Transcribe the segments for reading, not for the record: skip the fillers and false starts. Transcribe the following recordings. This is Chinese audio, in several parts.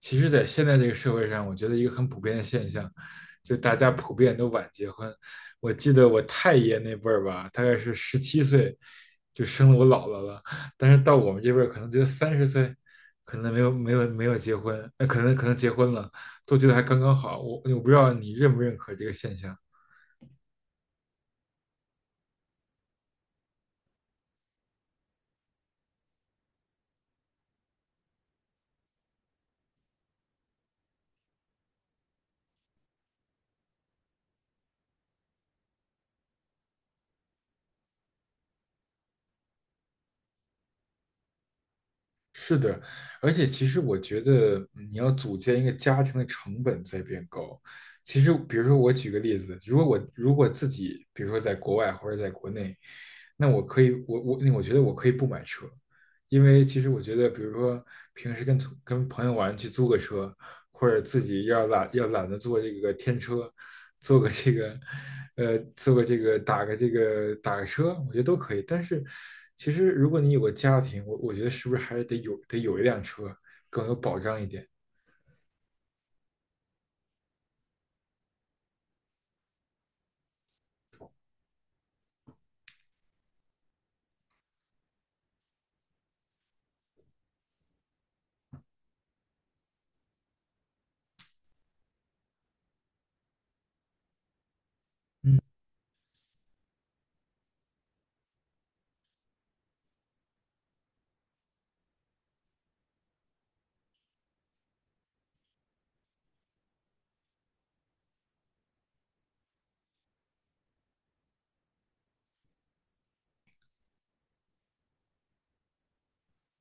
其实，在现在这个社会上，我觉得一个很普遍的现象，就大家普遍都晚结婚。我记得我太爷那辈儿吧，大概是17岁就生了我姥姥了，但是到我们这辈儿，可能觉得30岁可能没有结婚，那可能结婚了，都觉得还刚刚好。我不知道你认不认可这个现象。是的，而且其实我觉得你要组建一个家庭的成本在变高。其实，比如说我举个例子，如果我如果自己，比如说在国外或者在国内，那我可以，我那我觉得我可以不买车，因为其实我觉得，比如说平时跟朋友玩去租个车，或者自己要懒得坐这个天车，坐个这个呃坐个这个打个这个打个车，我觉得都可以。但是其实如果你有个家庭，我觉得是不是还是得有一辆车更有保障一点？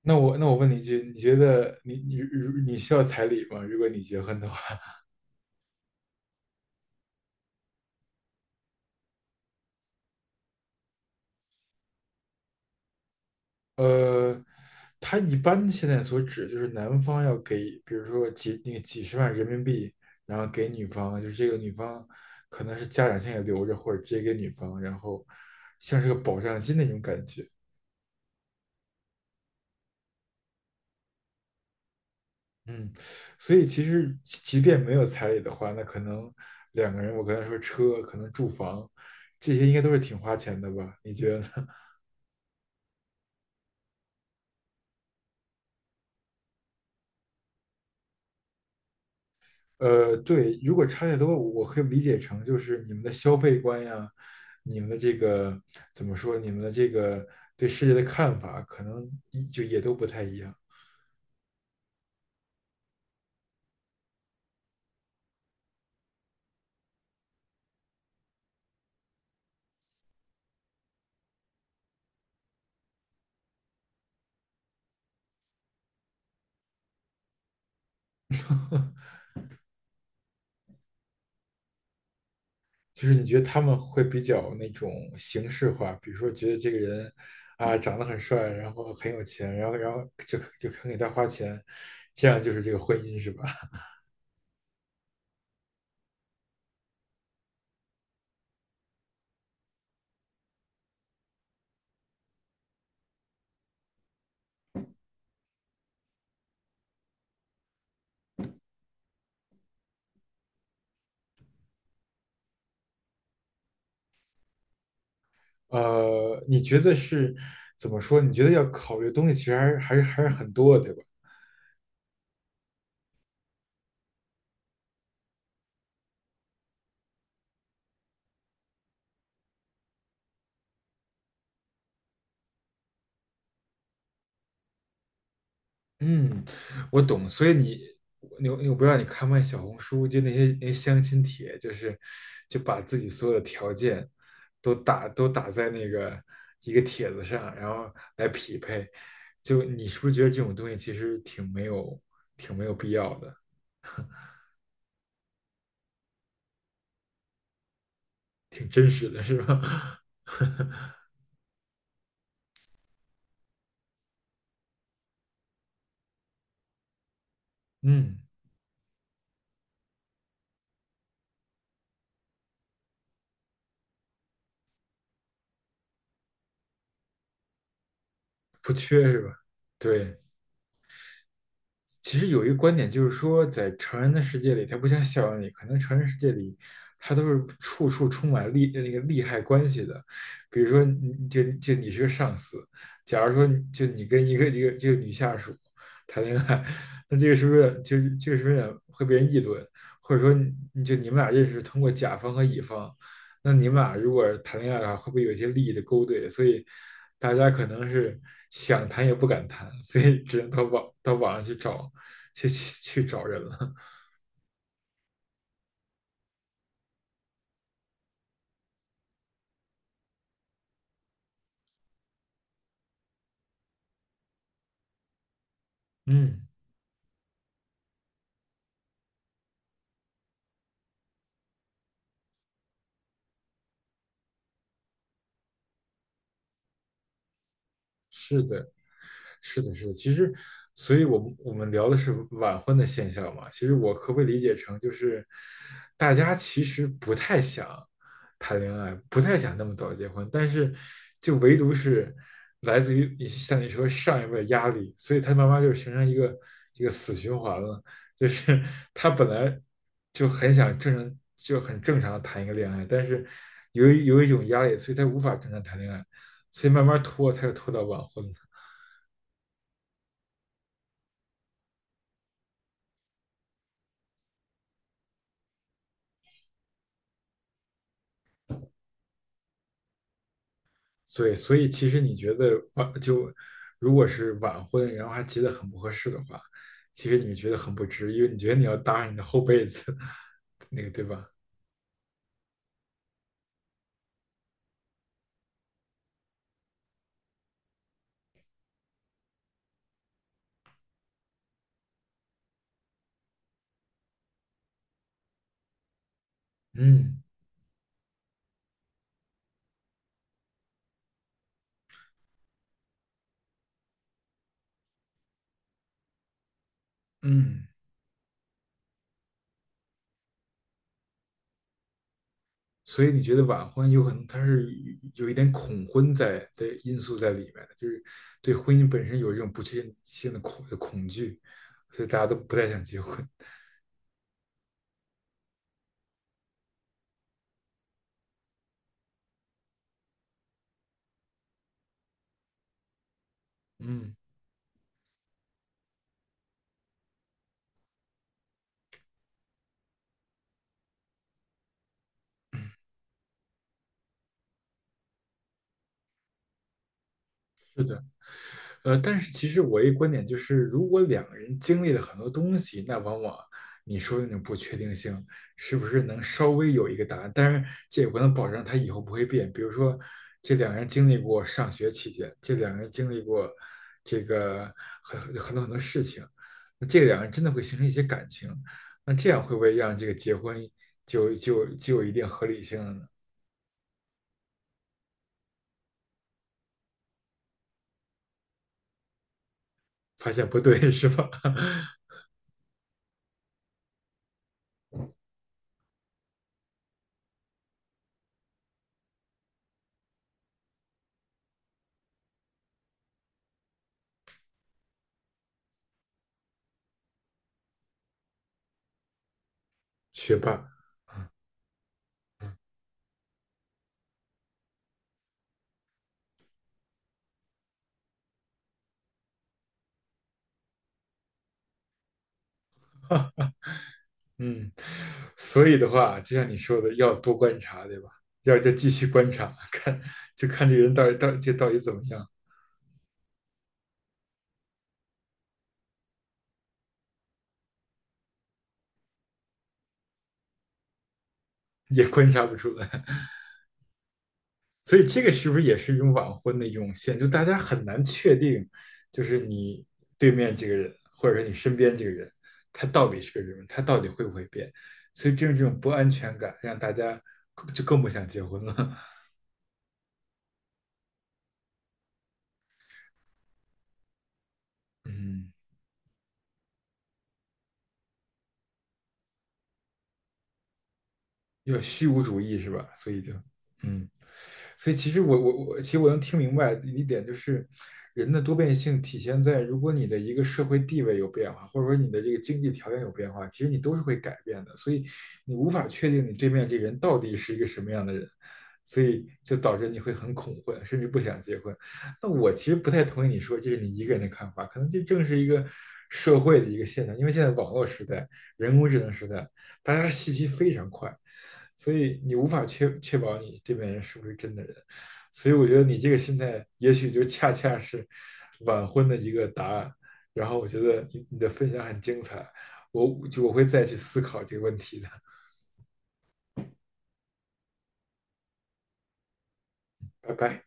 那我问你一句，你觉得你需要彩礼吗？如果你结婚的话？呃，他一般现在所指就是男方要给，比如说几那个几十万人民币，然后给女方，就是这个女方可能是家长现在留着，或者直接给女方，然后像是个保障金那种感觉。嗯，所以其实即便没有彩礼的话，那可能两个人，我刚才说车，可能住房，这些应该都是挺花钱的吧？你觉得呢？呃，对，如果差太多，我可以理解成就是你们的消费观呀，你们的这个怎么说，你们的这个对世界的看法，可能一就也都不太一样。就是你觉得他们会比较那种形式化，比如说觉得这个人啊长得很帅，然后很有钱，然后就肯给他花钱，这样就是这个婚姻是吧？呃，你觉得是怎么说？你觉得要考虑的东西其实还是很多的，对吧？嗯，我懂，所以你，我不知道你看没看小红书，就那些相亲帖，就是就把自己所有的条件都打在那个一个帖子上，然后来匹配。就你是不是觉得这种东西其实挺没有必要的，挺真实的，是吧？嗯，不缺是吧？对。其实有一个观点就是说，在成人的世界里，它不像校园里，可能成人世界里，它都是处处充满利那个利害关系的。比如说你，就你是个上司，假如说就你跟一个这个女下属谈恋爱，那这个是不是就这个是不是有会被人议论？或者说你们俩认识通过甲方和乙方，那你们俩如果谈恋爱的话，会不会有一些利益的勾兑？所以大家可能是想谈也不敢谈，所以只能到网上去找去去去找人了。嗯，是的。是的,其实，所以我们聊的是晚婚的现象嘛。其实我可不可以理解成，就是大家其实不太想谈恋爱，不太想那么早结婚，但是就唯独是来自于你像你说上一辈的压力，所以他慢慢就形成一个死循环了。就是他本来就很想正常，就很正常的谈一个恋爱，但是由于有一种压力，所以他无法正常谈恋爱，所以慢慢拖，他又拖到晚婚了。对，所以其实你觉得如果是晚婚，然后还结得很不合适的话，其实你觉得很不值，因为你觉得你要搭上你的后辈子，那个对吧？嗯嗯，所以你觉得晚婚有可能它是有一点恐婚在因素在里面的，就是对婚姻本身有一种不确定性的恐惧，所以大家都不太想结婚。嗯，是的。呃，但是其实我一观点就是，如果两个人经历了很多东西，那往往你说的那种不确定性，是不是能稍微有一个答案？当然，这也不能保证他以后不会变。比如说，这两个人经历过上学期间，这两个人经历过这个很多很多事情，那这两个人真的会形成一些感情，那这样会不会让这个结婚就有一定合理性了呢？发现不对 是吧？学霸。嗯，所以的话，就像你说的，要多观察，对吧？要再继续观察，就看这个人到底怎么样，也观察不出来。所以这个是不是也是一种晚婚的一种现象？就大家很难确定，就是你对面这个人，或者说你身边这个人，他到底是个什么？他到底会不会变？所以正是这种不安全感，让大家更不想结婚了。嗯。有虚无主义是吧？所以就，嗯，所以其实我，其实我能听明白一点，就是人的多变性体现在，如果你的一个社会地位有变化，或者说你的这个经济条件有变化，其实你都是会改变的，所以你无法确定你对面这个人到底是一个什么样的人，所以就导致你会很恐婚，甚至不想结婚。那我其实不太同意你说这是你一个人的看法，可能这正是一个社会的一个现象，因为现在网络时代、人工智能时代，大家信息非常快。所以你无法确保你这边人是不是真的人，所以我觉得你这个心态也许就恰恰是晚婚的一个答案。然后我觉得你的分享很精彩，我会再去思考这个问题的。拜拜。